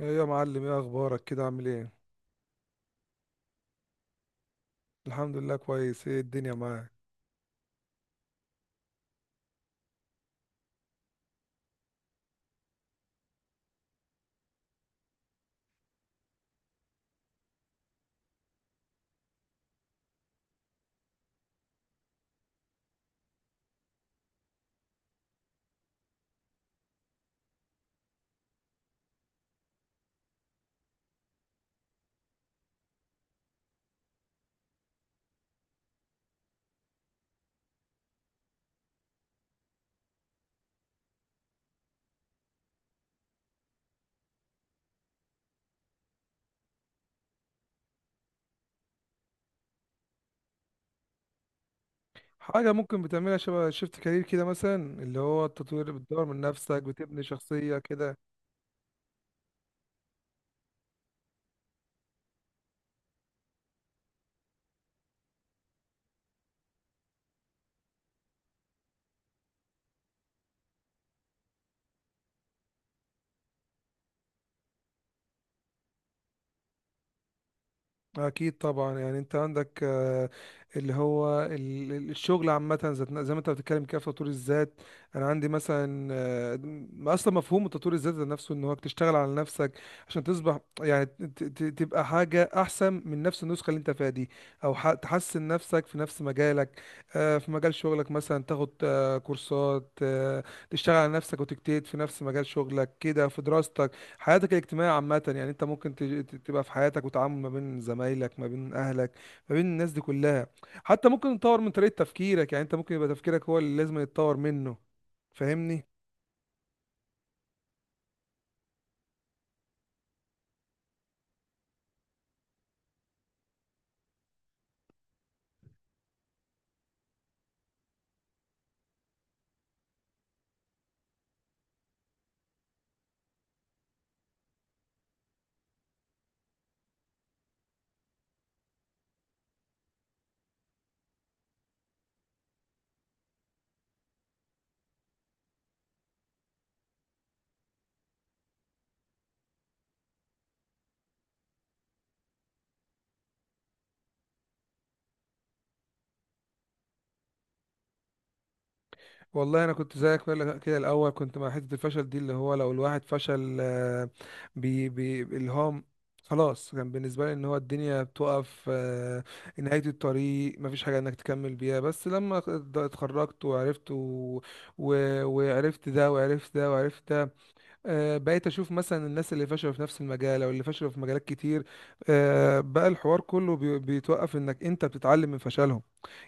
ايه يا معلم، ايه اخبارك؟ كده عامل ايه؟ الحمد لله كويس. ايه الدنيا معاك؟ حاجة ممكن بتعملها شبه شيفت كارير كده، مثلا اللي هو التطوير بتدور من نفسك، بتبني شخصية كده. أكيد طبعا. يعني أنت عندك، اللي هو ال- ال- الشغل عامة، زي ما أنت بتتكلم كده في تطوير الذات. أنا عندي مثلا، أصلا مفهوم تطوير الذات ذات نفسه إن هو تشتغل على نفسك عشان تصبح، يعني تبقى حاجة أحسن من نفس النسخة اللي أنت فيها دي، أو تحسن نفسك في نفس مجالك. في مجال شغلك مثلا تاخد كورسات، تشتغل على نفسك وتجتهد في نفس مجال شغلك، كده في دراستك، حياتك الاجتماعية عامة. يعني انت ممكن تبقى في حياتك وتعامل ما بين زمايلك، ما بين اهلك، ما بين الناس دي كلها. حتى ممكن تطور من طريقة تفكيرك. يعني انت ممكن يبقى تفكيرك هو اللي لازم يتطور منه. فاهمني؟ والله انا كنت زيك كده. كده الاول كنت مع حتة الفشل دي، اللي هو لو الواحد فشل، بي بي اللي هو خلاص كان بالنسبة لي ان هو الدنيا بتقف، نهاية الطريق، مفيش حاجة انك تكمل بيها. بس لما اتخرجت وعرفت و... وعرفت ده وعرفت ده وعرفت ده، بقيت اشوف مثلا الناس اللي فشلوا في نفس المجال، او اللي فشلوا في مجالات كتير. بقى الحوار كله بيتوقف انك انت بتتعلم من فشلهم.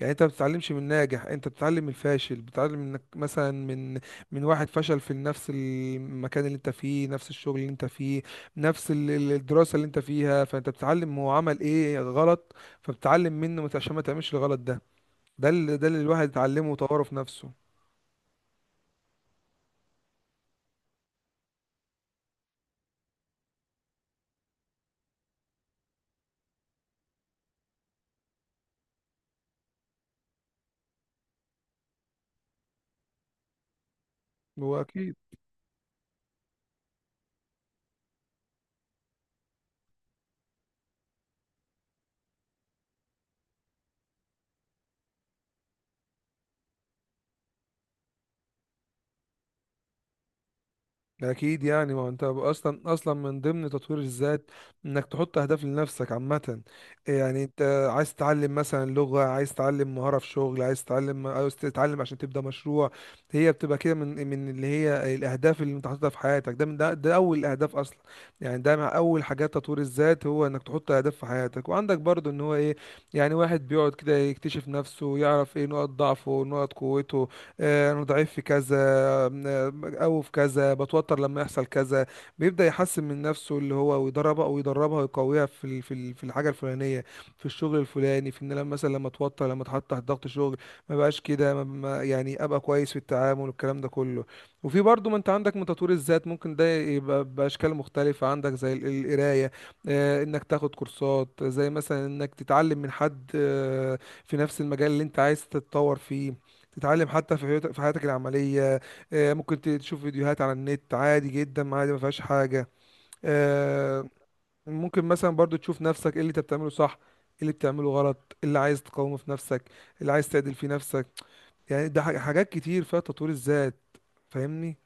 يعني انت ما بتتعلمش من ناجح، انت بتتعلم من الفاشل. بتتعلم انك مثلا من واحد فشل في نفس المكان اللي انت فيه، نفس الشغل اللي انت فيه، نفس الدراسة اللي انت فيها. فانت بتتعلم هو عمل ايه غلط، فبتتعلم منه عشان ما تعملش الغلط ده. ده اللي الواحد اتعلمه وطوره في نفسه. هو أكيد. اكيد يعني ما هو انت اصلا من ضمن تطوير الذات انك تحط اهداف لنفسك عامه. يعني انت عايز تتعلم مثلا لغه، عايز تتعلم مهاره في شغل، عايز تتعلم عشان تبدا مشروع. هي بتبقى كده، من من اللي هي الاهداف اللي انت حاططها في حياتك. ده من ده، ده اول الاهداف اصلا. يعني ده مع اول حاجات تطوير الذات، هو انك تحط اهداف في حياتك. وعندك برضو ان هو ايه، يعني واحد بيقعد كده يكتشف نفسه، يعرف ايه نقط ضعفه، نقط قوته. آه انا ضعيف في كذا او في كذا، بتوتر لما يحصل كذا. بيبدأ يحسن من نفسه اللي هو، ويدربها ويدربها ويقويها في في الحاجة الفلانية، في الشغل الفلاني. في ان لما مثلا لما اتحط تحت ضغط شغل، ما بقاش كده، يعني ابقى كويس في التعامل والكلام ده كله. وفي برضو ما انت عندك من تطوير الذات، ممكن ده يبقى باشكال مختلفة عندك، زي القراية، انك تاخد كورسات، زي مثلا انك تتعلم من حد، في نفس المجال اللي انت عايز تتطور فيه. تتعلم حتى في في حياتك العملية. ممكن تشوف فيديوهات على النت، عادي جدا، عادي ما فيهاش حاجة. آه، ممكن مثلا برضو تشوف نفسك ايه اللي انت بتعمله صح، ايه اللي بتعمله غلط، ايه اللي عايز تقاومه في نفسك، ايه اللي عايز تعدل في نفسك. يعني ده حاجات كتير فيها تطوير الذات. فاهمني؟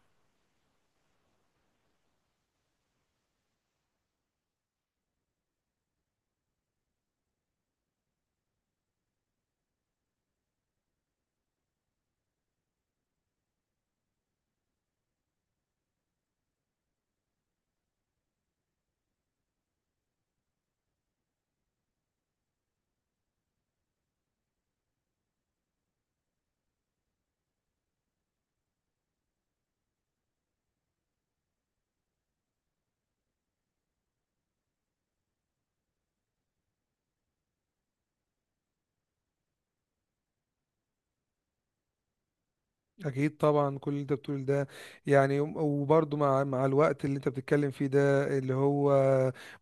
اكيد طبعا كل اللي انت بتقول ده. يعني وبرضه مع الوقت اللي انت بتتكلم فيه ده اللي هو،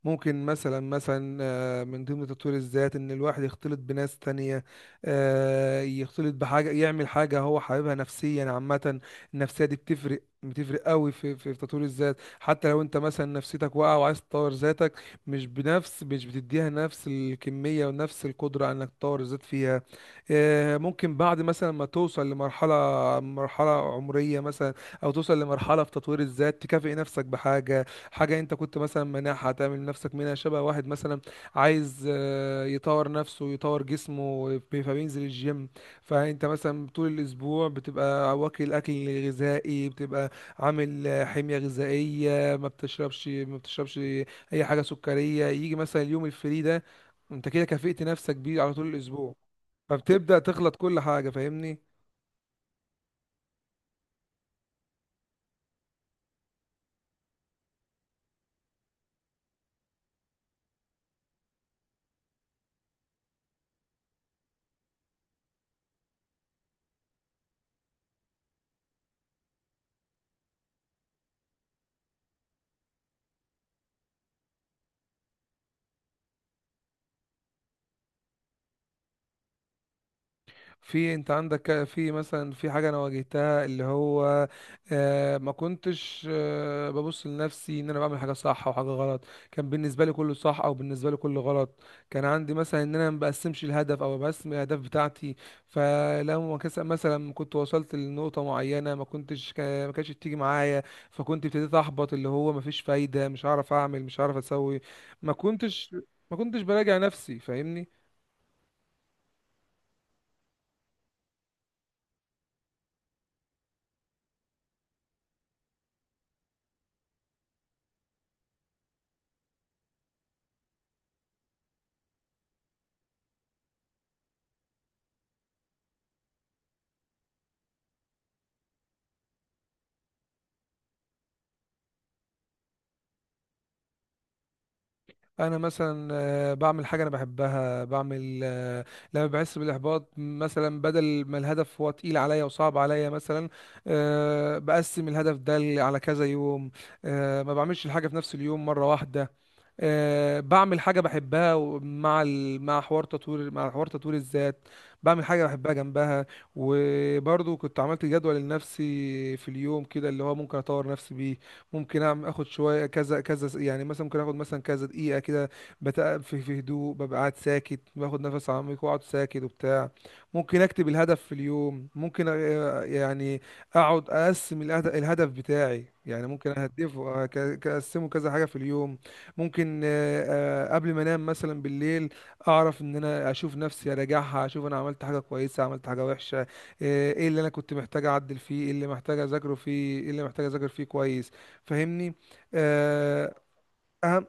ممكن مثلا من ضمن تطوير الذات ان الواحد يختلط بناس تانية، يختلط بحاجة، يعمل حاجة هو حاببها، نفسيا عامة. النفسية دي بتفرق قوي في تطوير الذات. حتى لو انت مثلا نفسيتك واقعه وعايز تطور ذاتك، مش بتديها نفس الكميه ونفس القدره انك تطور الذات فيها. ممكن بعد مثلا ما توصل لمرحلة، مرحلة عمرية مثلا، أو توصل لمرحلة في تطوير الذات تكافئ نفسك بحاجة، حاجة أنت كنت مثلا مانعها، تعمل نفسك منها شبه واحد مثلا عايز، يطور نفسه، يطور جسمه فبينزل الجيم. فأنت مثلا طول الأسبوع بتبقى واكل أكل غذائي، بتبقى عامل حمية غذائية، ما بتشربش ما بتشربش أي حاجة سكرية. يجي مثلا اليوم الفري ده، أنت كده كافئت نفسك بيه على طول الأسبوع، فبتبدأ تخلط كل حاجة. فاهمني؟ في انت عندك في مثلا في حاجة انا واجهتها اللي هو، ما كنتش ببص لنفسي ان انا بعمل حاجة صح او حاجة غلط. كان بالنسبة لي كله صح، او بالنسبة لي كله غلط. كان عندي مثلا ان انا ما بقسمش الهدف او بقسم الاهداف بتاعتي. فلما مثلا كنت وصلت لنقطة معينة، ما كنتش ما كانتش بتيجي معايا. فكنت ابتديت احبط، اللي هو ما فيش فايدة، مش هعرف اعمل، مش هعرف اسوي. ما كنتش ما كنتش براجع نفسي. فاهمني؟ انا مثلا بعمل حاجه انا بحبها. بعمل آه، لما بحس بالاحباط مثلا، بدل ما الهدف هو تقيل عليا وصعب عليا مثلا، بقسم الهدف ده على كذا يوم. ما بعملش الحاجه في نفس اليوم مره واحده. بعمل حاجه بحبها مع حوار تطوير، مع حوار تطوير الذات. بعمل حاجه بحبها جنبها. وبرضو كنت عملت جدول لنفسي في اليوم كده، اللي هو ممكن اطور نفسي بيه. ممكن اعمل، اخد شويه كذا كذا، يعني مثلا ممكن اخد مثلا كذا دقيقه كده، بتقف في هدوء، ببقى قاعد ساكت، باخد نفس عميق، واقعد ساكت وبتاع. ممكن اكتب الهدف في اليوم، ممكن يعني اقعد اقسم الهدف بتاعي. يعني ممكن اهدفه، اقسمه كذا حاجه في اليوم. ممكن قبل ما انام مثلا بالليل، اعرف ان انا اشوف نفسي، اراجعها، اشوف انا عملت حاجه كويسه، عملت حاجه وحشه. ايه اللي انا كنت محتاج اعدل فيه، ايه اللي محتاج اذاكره فيه، ايه اللي محتاج اذاكر فيه كويس. فاهمني؟ آه، اهم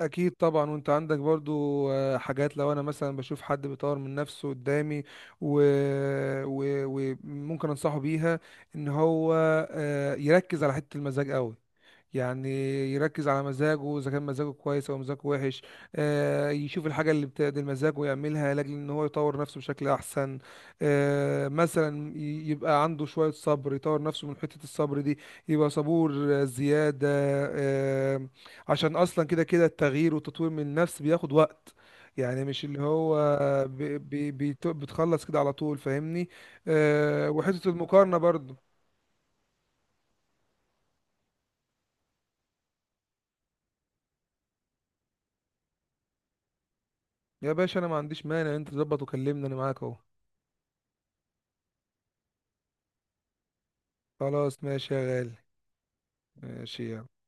اكيد طبعا. وانت عندك برضو حاجات، لو انا مثلا بشوف حد بيطور من نفسه قدامي و... و... وممكن انصحه بيها، ان هو يركز على حتة المزاج قوي. يعني يركز على مزاجه اذا كان مزاجه كويس او مزاجه وحش. يشوف الحاجه اللي بتعدل مزاجه ويعملها، لاجل ان هو يطور نفسه بشكل احسن. مثلا يبقى عنده شويه صبر، يطور نفسه من حته الصبر دي، يبقى صبور زياده، آه، عشان اصلا كده كده التغيير والتطوير من النفس بياخد وقت. يعني مش اللي هو بتخلص كده على طول. فاهمني؟ وحته المقارنه برضو. يا باشا انا ما عنديش مانع، انت تظبط وكلمني، انا معاك اهو. خلاص ماشي يا غالي. ماشي يلا.